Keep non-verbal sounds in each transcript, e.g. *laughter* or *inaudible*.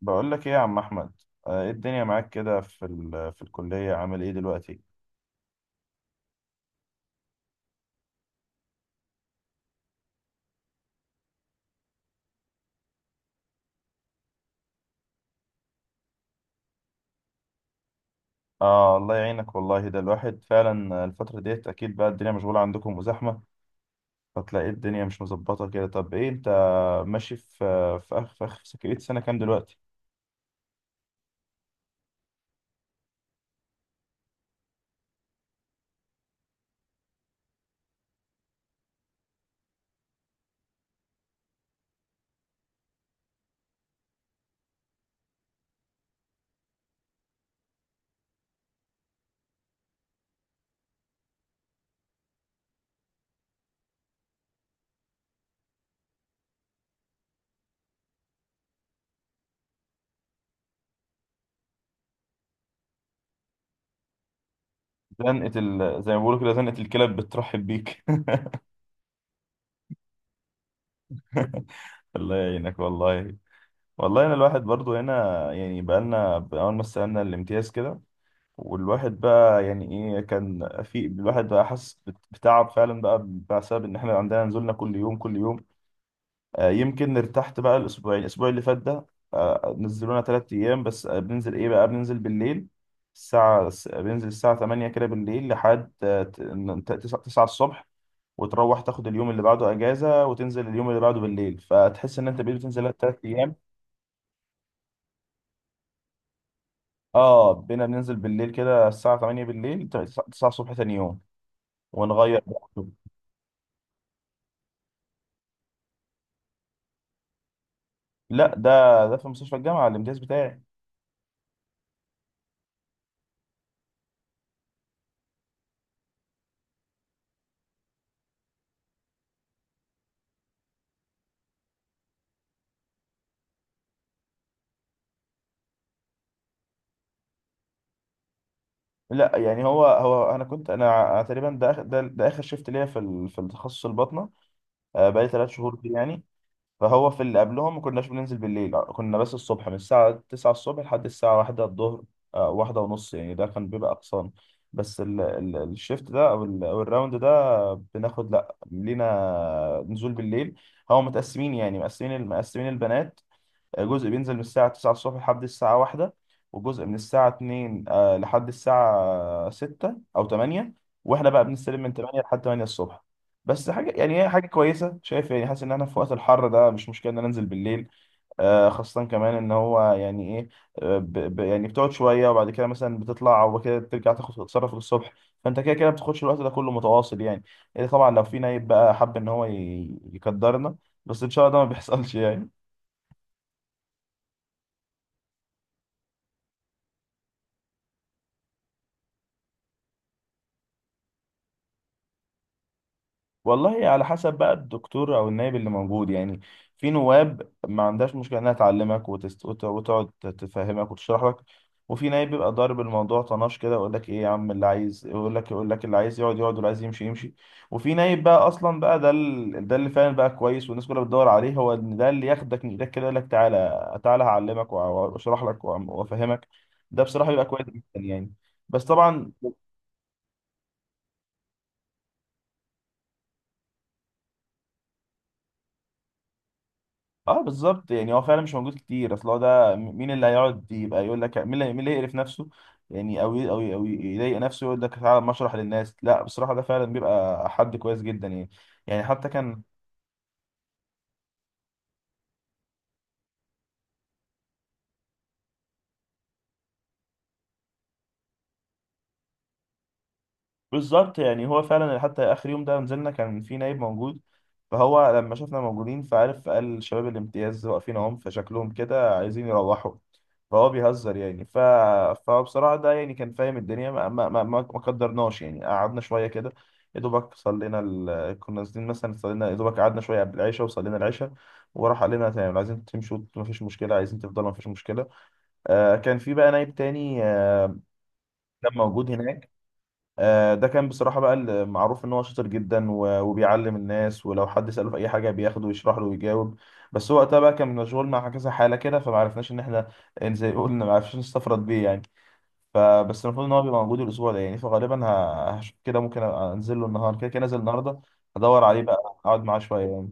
بقول لك ايه يا عم احمد. ايه الدنيا معاك كده في الكليه عامل ايه دلوقتي؟ اه الله يعينك والله، ده الواحد فعلا الفتره ديت اكيد بقى الدنيا مشغوله عندكم وزحمه، فتلاقي الدنيا مش مظبطه كده. طب ايه انت ماشي في في اخ بقيت سنه كام دلوقتي؟ زي ما بيقولوا كده، زنقه الكلاب بترحب بيك. *laughs* الله يعينك والله. والله انا الواحد برضو هنا، يعني بقالنا اول ما استلمنا الامتياز كده والواحد بقى يعني ايه، كان في الواحد بقى حاسس بتعب فعلا بقى، بسبب ان احنا عندنا نزولنا كل يوم كل يوم. آه يمكن ارتحت بقى الاسبوع اللي فات ده، آه نزلونا ثلاث ايام بس. آه بننزل ايه بقى، بننزل بالليل. بننزل الساعة 8 كده بالليل لحد 9 الصبح، وتروح تاخد اليوم اللي بعده اجازة وتنزل اليوم اللي بعده بالليل، فتحس ان انت بقيت بتنزل ثلاث ايام. اه بينا بننزل بالليل كده الساعة 8 بالليل، 9 الصبح تاني يوم، ونغير. لا، ده ده في مستشفى الجامعه الامتياز بتاعي. لا يعني هو انا كنت، انا تقريبا ده اخر شيفت ليا في التخصص الباطنه. بقالي ثلاث شهور فيه يعني. فهو في اللي قبلهم ما كناش بننزل بالليل، كنا بس الصبح من الساعه 9 الصبح لحد الساعه 1 الظهر. واحدة ونص يعني، ده كان بيبقى اقصان. بس الشيفت ده أو الراوند ده بناخد لا لينا نزول بالليل. هو متقسمين، يعني مقسمين البنات. جزء بينزل من الساعة 9 الصبح لحد الساعة واحدة، وجزء من الساعة 2 لحد الساعة 6 أو 8، وإحنا بقى بنستلم من 8 لحد 8 الصبح. بس حاجة يعني هي حاجة كويسة، شايف يعني، حاسس إن أنا في وقت الحر ده مش مشكلة إن أنا أنزل بالليل. خاصة كمان إن هو يعني إيه، ب ب يعني بتقعد شوية وبعد كده مثلا بتطلع وبعد كده بترجع تاخد تتصرف الصبح، فأنت كده كده ما بتاخدش الوقت ده كله متواصل يعني. إيه طبعا لو في نايب بقى حب إن هو يقدرنا، بس إن شاء الله ده ما بيحصلش يعني. والله على حسب بقى الدكتور او النائب اللي موجود يعني. في نواب ما عندهاش مشكله انها تعلمك وتقعد تفهمك وتشرح لك. وفي نائب بيبقى ضارب الموضوع طناش كده، يقول لك ايه يا عم، اللي عايز يقول لك يقول لك، اللي عايز يقعد يقعد واللي عايز يمشي يمشي. وفي نائب بقى اصلا بقى، ده اللي فعلا بقى كويس والناس كلها بتدور عليه، هو إن ده اللي ياخدك من ايدك كده يقول لك تعالى تعالى هعلمك واشرح لك وافهمك. ده بصراحه بيبقى كويس جدا يعني. بس طبعا. اه بالظبط، يعني هو فعلا مش موجود كتير، اصل هو ده مين اللي هيقعد يبقى يقول لك، مين اللي يقرف نفسه يعني، او يضايق نفسه يقول لك تعالى أما اشرح للناس. لا بصراحه ده فعلا بيبقى حد كويس جدا يعني. يعني حتى كان. بالظبط، يعني هو فعلا حتى اخر يوم ده نزلنا كان في نايب موجود، فهو لما شافنا موجودين فعرف، قال شباب الامتياز واقفين اهم فشكلهم كده عايزين يروحوا، فهو بيهزر فبصراحة ده يعني كان فاهم الدنيا. ما قدرناش يعني، قعدنا شوية كده، يا دوبك كنا نازلين مثلا، صلينا يا دوبك، قعدنا شوية قبل العشاء وصلينا العشاء، وراح قال لنا تمام، لو عايزين تمشوا مفيش مشكلة، عايزين تفضلوا مفيش مشكلة. آه كان في بقى نايب تاني آه، كان موجود هناك. ده كان بصراحة بقى المعروف إن هو شاطر جدا وبيعلم الناس، ولو حد سأله في أي حاجة بياخده ويشرح له ويجاوب. بس هو وقتها بقى كان مشغول مع كذا حالة كده، فمعرفناش إن إحنا، إن زي ما قلنا معرفناش نستفرد بيه يعني. فبس المفروض إن هو بيبقى موجود الأسبوع ده يعني، فغالبا هشوف كده ممكن أنزل له النهاردة، كده كده نازل النهاردة، هدور عليه بقى، أقعد معاه شوية يعني.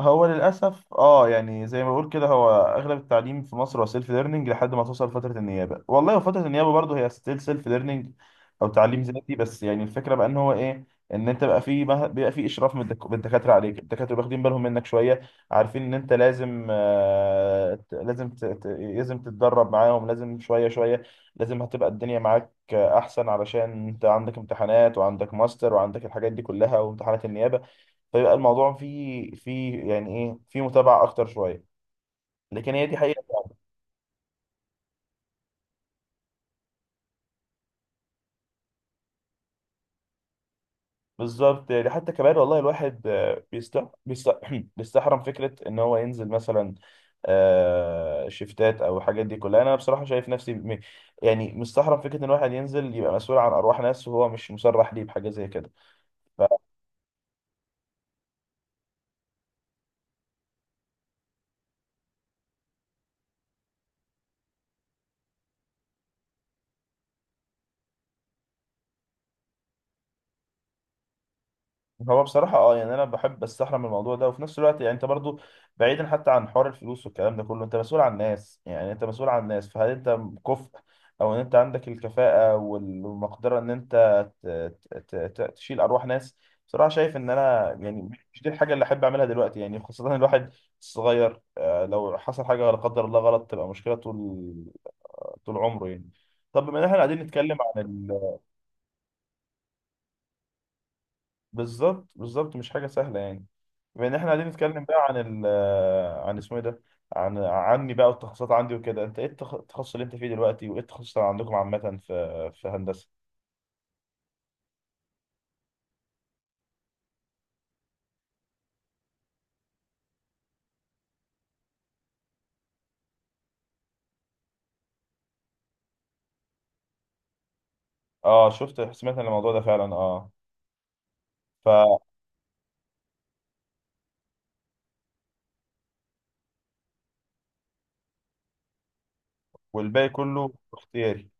هو للأسف اه يعني زي ما بقول كده، هو أغلب التعليم في مصر هو سيلف ليرنينج لحد ما توصل فترة النيابة، والله وفترة النيابة برضه هي ستيل سيلف ليرنينج أو تعليم ذاتي. بس يعني الفكرة بقى إن هو إيه، إن أنت بقى في بيبقى في إشراف من الدكاترة عليك، الدكاترة واخدين بالهم منك شوية، عارفين إن أنت لازم آه لازم لازم تتدرب معاهم لازم شوية شوية، لازم هتبقى الدنيا معاك أحسن، علشان أنت عندك امتحانات وعندك ماستر وعندك الحاجات دي كلها وامتحانات النيابة. فيبقى الموضوع فيه يعني ايه، فيه متابعه اكتر شويه. لكن هي دي حقيقه. بالظبط يعني حتى كمان والله الواحد، آه، بيست بيست *clears throat* بيستحرم فكره ان هو ينزل مثلا شيفتات او الحاجات دي كلها. انا بصراحه شايف نفسي يعني مستحرم فكره ان الواحد ينزل يبقى مسؤول عن ارواح ناس وهو مش مسرح ليه بحاجه زي كده. هو بصراحة اه يعني انا بحب استحرم من الموضوع ده، وفي نفس الوقت يعني انت برضو، بعيدا حتى عن حوار الفلوس والكلام ده كله، انت مسؤول عن الناس، يعني انت مسؤول عن الناس، فهل انت كفء؟ او ان انت عندك الكفاءة والمقدرة ان انت ت- ت- ت- تشيل ارواح ناس؟ بصراحة شايف ان انا يعني مش دي الحاجة اللي احب اعملها دلوقتي يعني، خاصة الواحد صغير. لو حصل حاجة لا قدر الله غلط تبقى مشكلة طول طول عمره يعني. طب بما ان احنا قاعدين نتكلم عن. بالظبط بالظبط، مش حاجة سهلة يعني. بما ان احنا قاعدين نتكلم بقى عن ال آه، عن اسمه ايه ده، عن عني بقى والتخصصات عندي وكده، انت ايه التخصص اللي انت فيه دلوقتي، وايه التخصص اللي عندكم عامة في هندسة؟ اه شفت، سمعت عن الموضوع ده فعلا اه. ف. والباقي كله اختياري.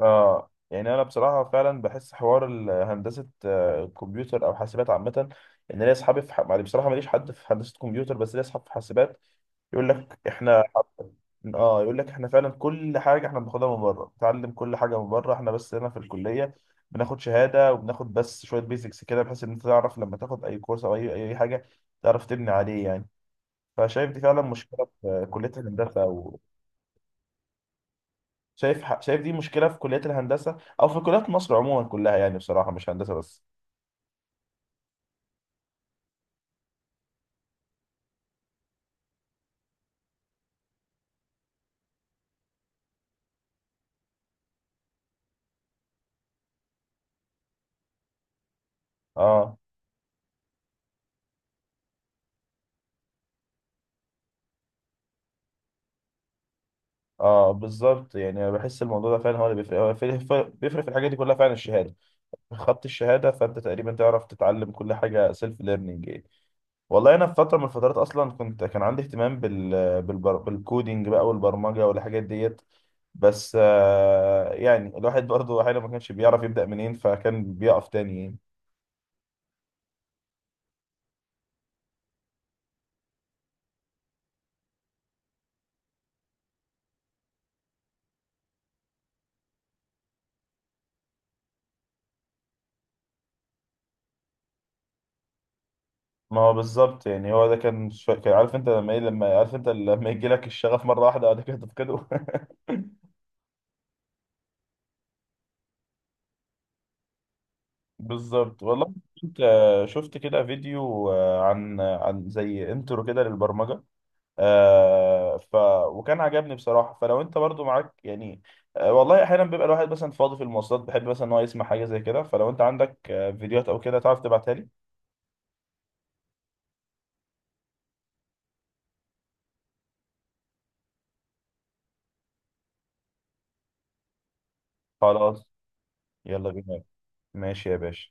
اه يعني انا بصراحة فعلا بحس حوار هندسة كمبيوتر او حاسبات عامة، ان ليا اصحابي يعني بصراحة ماليش حد في هندسة كمبيوتر بس ليا اصحاب في حاسبات. يقول لك احنا. اه يقول لك احنا فعلا كل حاجه احنا بناخدها من بره، بنتعلم كل حاجه من بره احنا، بس هنا في الكليه بناخد شهاده وبناخد بس شويه بيزكس كده، بحيث ان انت تعرف لما تاخد اي كورس او اي حاجه تعرف تبني عليه يعني. فشايف دي فعلا مشكله في كليه الهندسه او، شايف دي مشكله في كليات الهندسه او في كليات مصر عموما كلها، يعني بصراحه مش هندسه بس. اه. اه بالظبط يعني، أنا بحس الموضوع ده فعلا هو اللي بيفرق، هو بيفرق في الحاجات دي كلها فعلا الشهاده، خدت الشهاده فانت تقريبا تعرف تتعلم كل حاجه سيلف ليرنينج. والله انا في فتره من الفترات اصلا كنت، كان عندي اهتمام بالكودينج بقى والبرمجه والحاجات ديت، بس يعني الواحد برضه احيانا ما كانش بيعرف يبدا منين، فكان بيقف تاني يعني. ما هو بالظبط، يعني هو ده كان عارف انت لما ايه، لما عارف انت لما يجي لك الشغف مره واحده بعد كده تفقده. *laughs* بالظبط والله. كنت شفت كده فيديو عن زي انترو كده للبرمجه، آه ف، وكان عجبني بصراحه. فلو انت برضو معاك يعني، والله احيانا بيبقى الواحد مثلا فاضي في المواصلات بحب مثلا ان هو يسمع حاجه زي كده، فلو انت عندك آه فيديوهات او كده تعرف تبعتها لي. خلاص، يلا بينا. ماشي يا باشا.